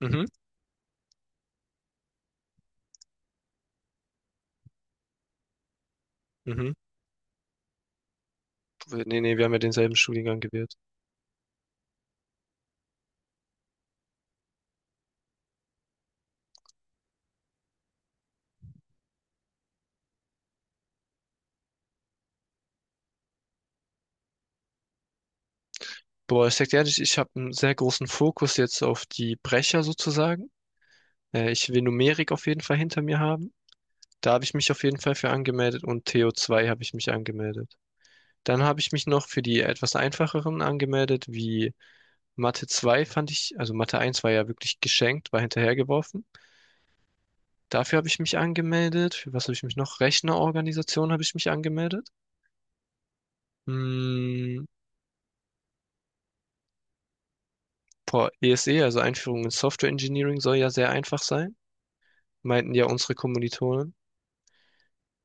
Mhm, mhm. Nee, nee, wir haben ja denselben Studiengang gewählt. Boah, ich sag dir ehrlich, ich habe einen sehr großen Fokus jetzt auf die Brecher sozusagen. Ich will Numerik auf jeden Fall hinter mir haben. Da habe ich mich auf jeden Fall für angemeldet und TO2 habe ich mich angemeldet. Dann habe ich mich noch für die etwas einfacheren angemeldet, wie Mathe 2 fand ich, also Mathe 1 war ja wirklich geschenkt, war hinterhergeworfen. Dafür habe ich mich angemeldet. Für was habe ich mich noch? Rechnerorganisation habe ich mich angemeldet. Hm, Boah, ESE, also Einführung in Software Engineering, soll ja sehr einfach sein, meinten ja unsere Kommilitonen.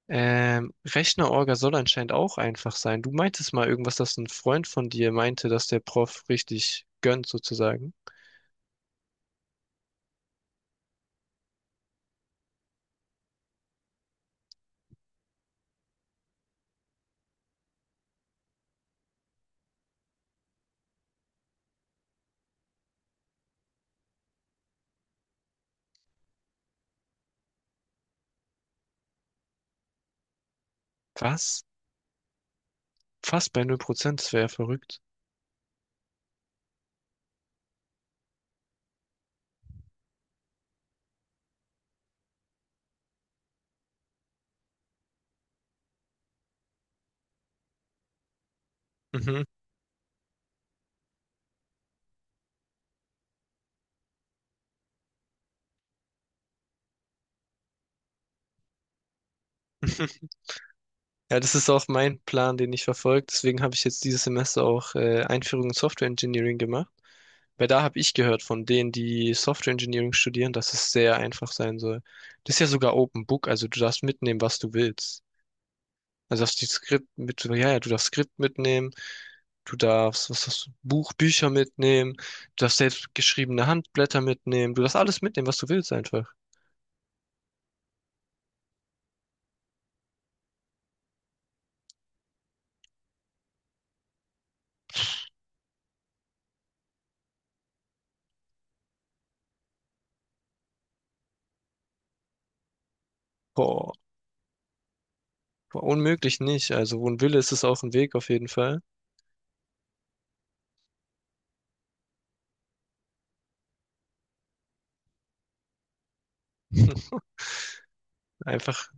Rechner-Orga soll anscheinend auch einfach sein. Du meintest mal irgendwas, dass ein Freund von dir meinte, dass der Prof richtig gönnt, sozusagen. Was? Fast bei 0%. Das wäre ja verrückt. Mhm. Ja, das ist auch mein Plan, den ich verfolge. Deswegen habe ich jetzt dieses Semester auch Einführung in Software Engineering gemacht. Weil da habe ich gehört von denen, die Software Engineering studieren, dass es sehr einfach sein soll. Das ist ja sogar Open Book, also du darfst mitnehmen, was du willst. Also darfst du die Skript mit, so, ja, ja, du darfst Skript mitnehmen, du darfst, was hast du, Buch, Bücher mitnehmen, du darfst selbst geschriebene Handblätter mitnehmen, du darfst alles mitnehmen, was du willst einfach. Boah, boah, unmöglich nicht. Also wo ein Wille ist, ist auch ein Weg auf jeden Fall. Einfach,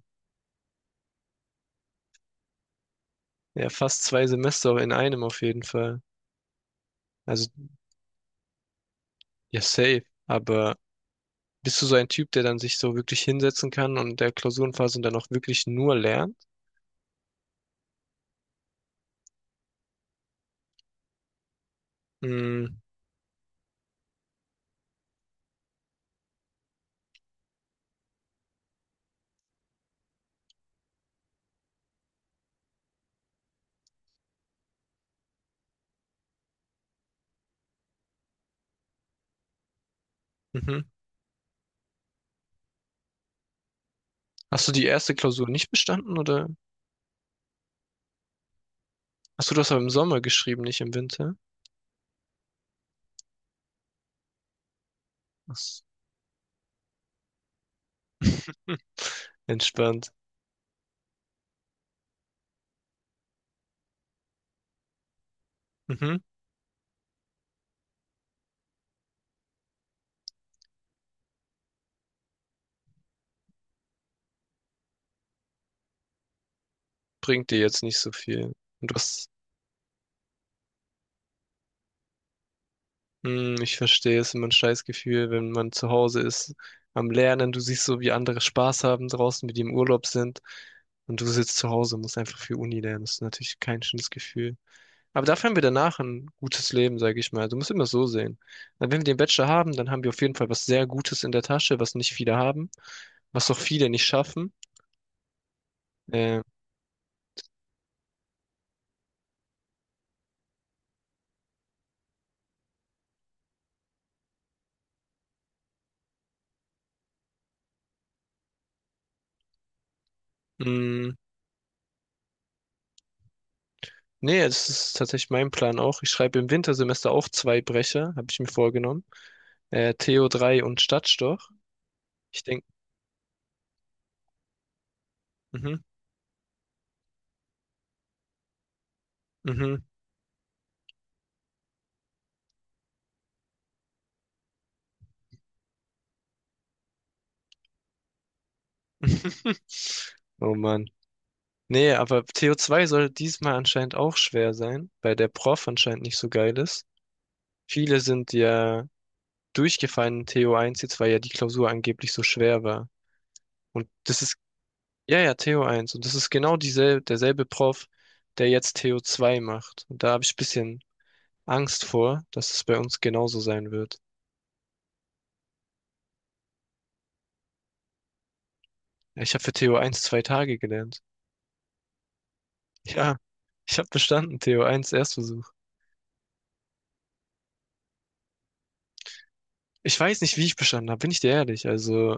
ja, fast 2 Semester in einem auf jeden Fall. Also, ja, safe. Aber bist du so ein Typ, der dann sich so wirklich hinsetzen kann und der Klausurenphase dann auch wirklich nur lernt? Mm, mhm. Hast du die erste Klausur nicht bestanden oder? Hast du das aber im Sommer geschrieben, nicht im Winter? Ach so. Entspannt. Mhm. Bringt dir jetzt nicht so viel. Und du hast. Mm, ich verstehe, es ist immer ein scheiß Gefühl, wenn man zu Hause ist am Lernen. Du siehst so, wie andere Spaß haben draußen, wie die im Urlaub sind. Und du sitzt zu Hause und musst einfach für Uni lernen. Das ist natürlich kein schönes Gefühl. Aber dafür haben wir danach ein gutes Leben, sage ich mal. Du musst immer so sehen. Wenn wir den Bachelor haben, dann haben wir auf jeden Fall was sehr Gutes in der Tasche, was nicht viele haben, was auch viele nicht schaffen. Äh, mh, nee, das ist tatsächlich mein Plan auch. Ich schreibe im Wintersemester auch zwei Brecher, habe ich mir vorgenommen. Theo 3 und Stadtstoch. Ich denke, mhm, mhm. Oh Mann. Nee, aber Theo 2 soll diesmal anscheinend auch schwer sein, weil der Prof anscheinend nicht so geil ist. Viele sind ja durchgefallen in TO1 jetzt, weil ja die Klausur angeblich so schwer war. Und das ist, ja, ja, TO1. Und das ist genau dieselbe, derselbe Prof, der jetzt TO2 macht. Und da habe ich ein bisschen Angst vor, dass es bei uns genauso sein wird. Ja, ich habe für TO1 2 Tage gelernt. Ja, ich habe bestanden, TO1 Erstversuch. Ich weiß nicht, wie ich bestanden habe, bin ich dir ehrlich. Also,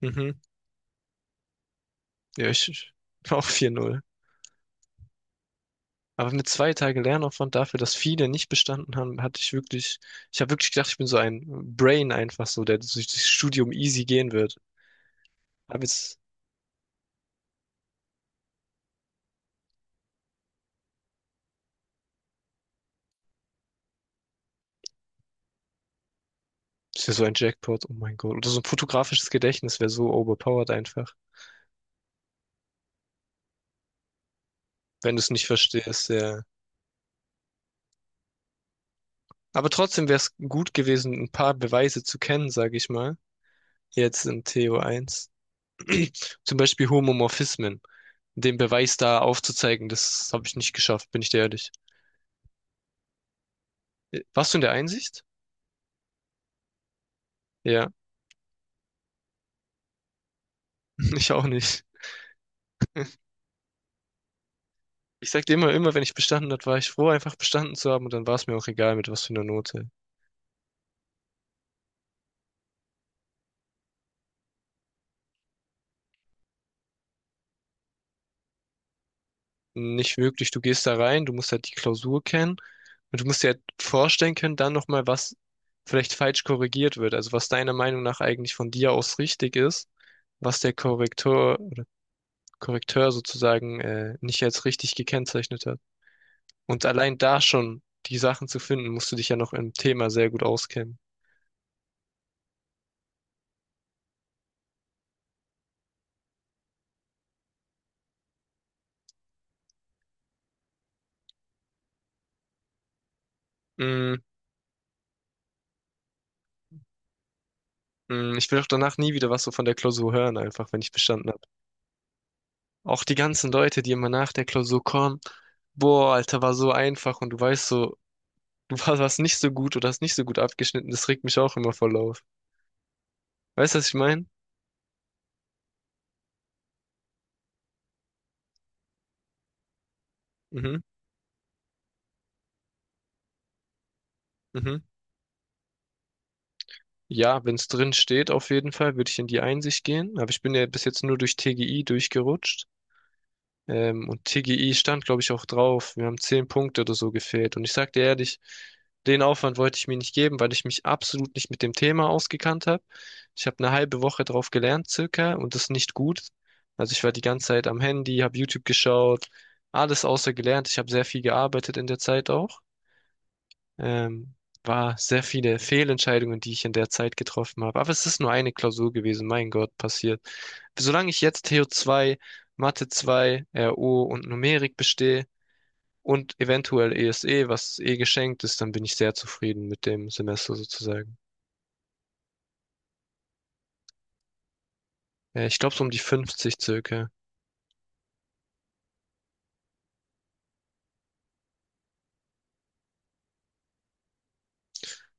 mhm, ja, auch 4,0. Aber mit 2 Tage Lernaufwand dafür, dass viele nicht bestanden haben, hatte ich wirklich, ich habe wirklich gedacht, ich bin so ein Brain einfach so, der durch das Studium easy gehen wird. Aber jetzt ist ja so ein Jackpot, oh mein Gott. Oder so ein fotografisches Gedächtnis wäre so overpowered einfach, wenn du es nicht verstehst, ja. Aber trotzdem wäre es gut gewesen, ein paar Beweise zu kennen, sage ich mal. Jetzt in TO1. Zum Beispiel Homomorphismen. Den Beweis da aufzuzeigen, das habe ich nicht geschafft, bin ich dir ehrlich. Warst du in der Einsicht? Ja, ich auch nicht. Ich sag dir immer, immer, wenn ich bestanden hat, war ich froh, einfach bestanden zu haben, und dann war es mir auch egal, mit was für einer Note. Nicht wirklich, du gehst da rein, du musst halt die Klausur kennen und du musst dir halt vorstellen können, dann nochmal, was vielleicht falsch korrigiert wird, also was deiner Meinung nach eigentlich von dir aus richtig ist, was der Korrektor, Korrekteur sozusagen nicht als richtig gekennzeichnet hat. Und allein da schon die Sachen zu finden, musst du dich ja noch im Thema sehr gut auskennen. Mm, mm, ich will auch danach nie wieder was so von der Klausur hören, einfach, wenn ich bestanden habe. Auch die ganzen Leute, die immer nach der Klausur kommen, boah, Alter, war so einfach, und du weißt so, warst nicht so gut oder hast nicht so gut abgeschnitten, das regt mich auch immer voll auf. Weißt du, was ich meine? Mhm, mhm. Ja, wenn es drin steht, auf jeden Fall, würde ich in die Einsicht gehen, aber ich bin ja bis jetzt nur durch TGI durchgerutscht. Und TGI stand, glaube ich, auch drauf. Wir haben 10 Punkte oder so gefehlt. Und ich sag dir ehrlich, den Aufwand wollte ich mir nicht geben, weil ich mich absolut nicht mit dem Thema ausgekannt habe. Ich habe eine halbe Woche drauf gelernt, circa, und das ist nicht gut. Also ich war die ganze Zeit am Handy, habe YouTube geschaut, alles außer gelernt. Ich habe sehr viel gearbeitet in der Zeit auch. Ähm, war sehr viele Fehlentscheidungen, die ich in der Zeit getroffen habe. Aber es ist nur eine Klausur gewesen, mein Gott, passiert. Solange ich jetzt Theo 2, Mathe 2, RO und Numerik bestehe und eventuell ESE, was eh geschenkt ist, dann bin ich sehr zufrieden mit dem Semester sozusagen. Ich glaube so um die 50 circa.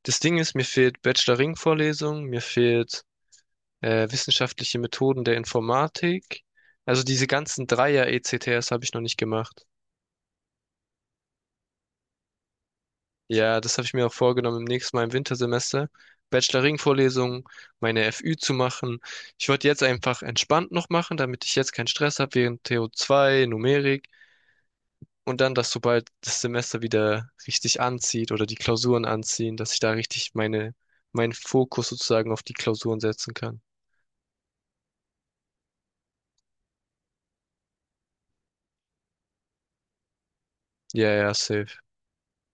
Das Ding ist, mir fehlt Bachelor-Ring-Vorlesung, mir fehlt wissenschaftliche Methoden der Informatik. Also diese ganzen Dreier-ECTS habe ich noch nicht gemacht. Ja, das habe ich mir auch vorgenommen, im nächsten Mal im Wintersemester Bacheloring-Vorlesungen, meine FÜ zu machen. Ich wollte jetzt einfach entspannt noch machen, damit ich jetzt keinen Stress habe während TO2, Numerik, und dann, dass sobald das Semester wieder richtig anzieht oder die Klausuren anziehen, dass ich da richtig meine, meinen Fokus sozusagen auf die Klausuren setzen kann. Ja, ja, safe.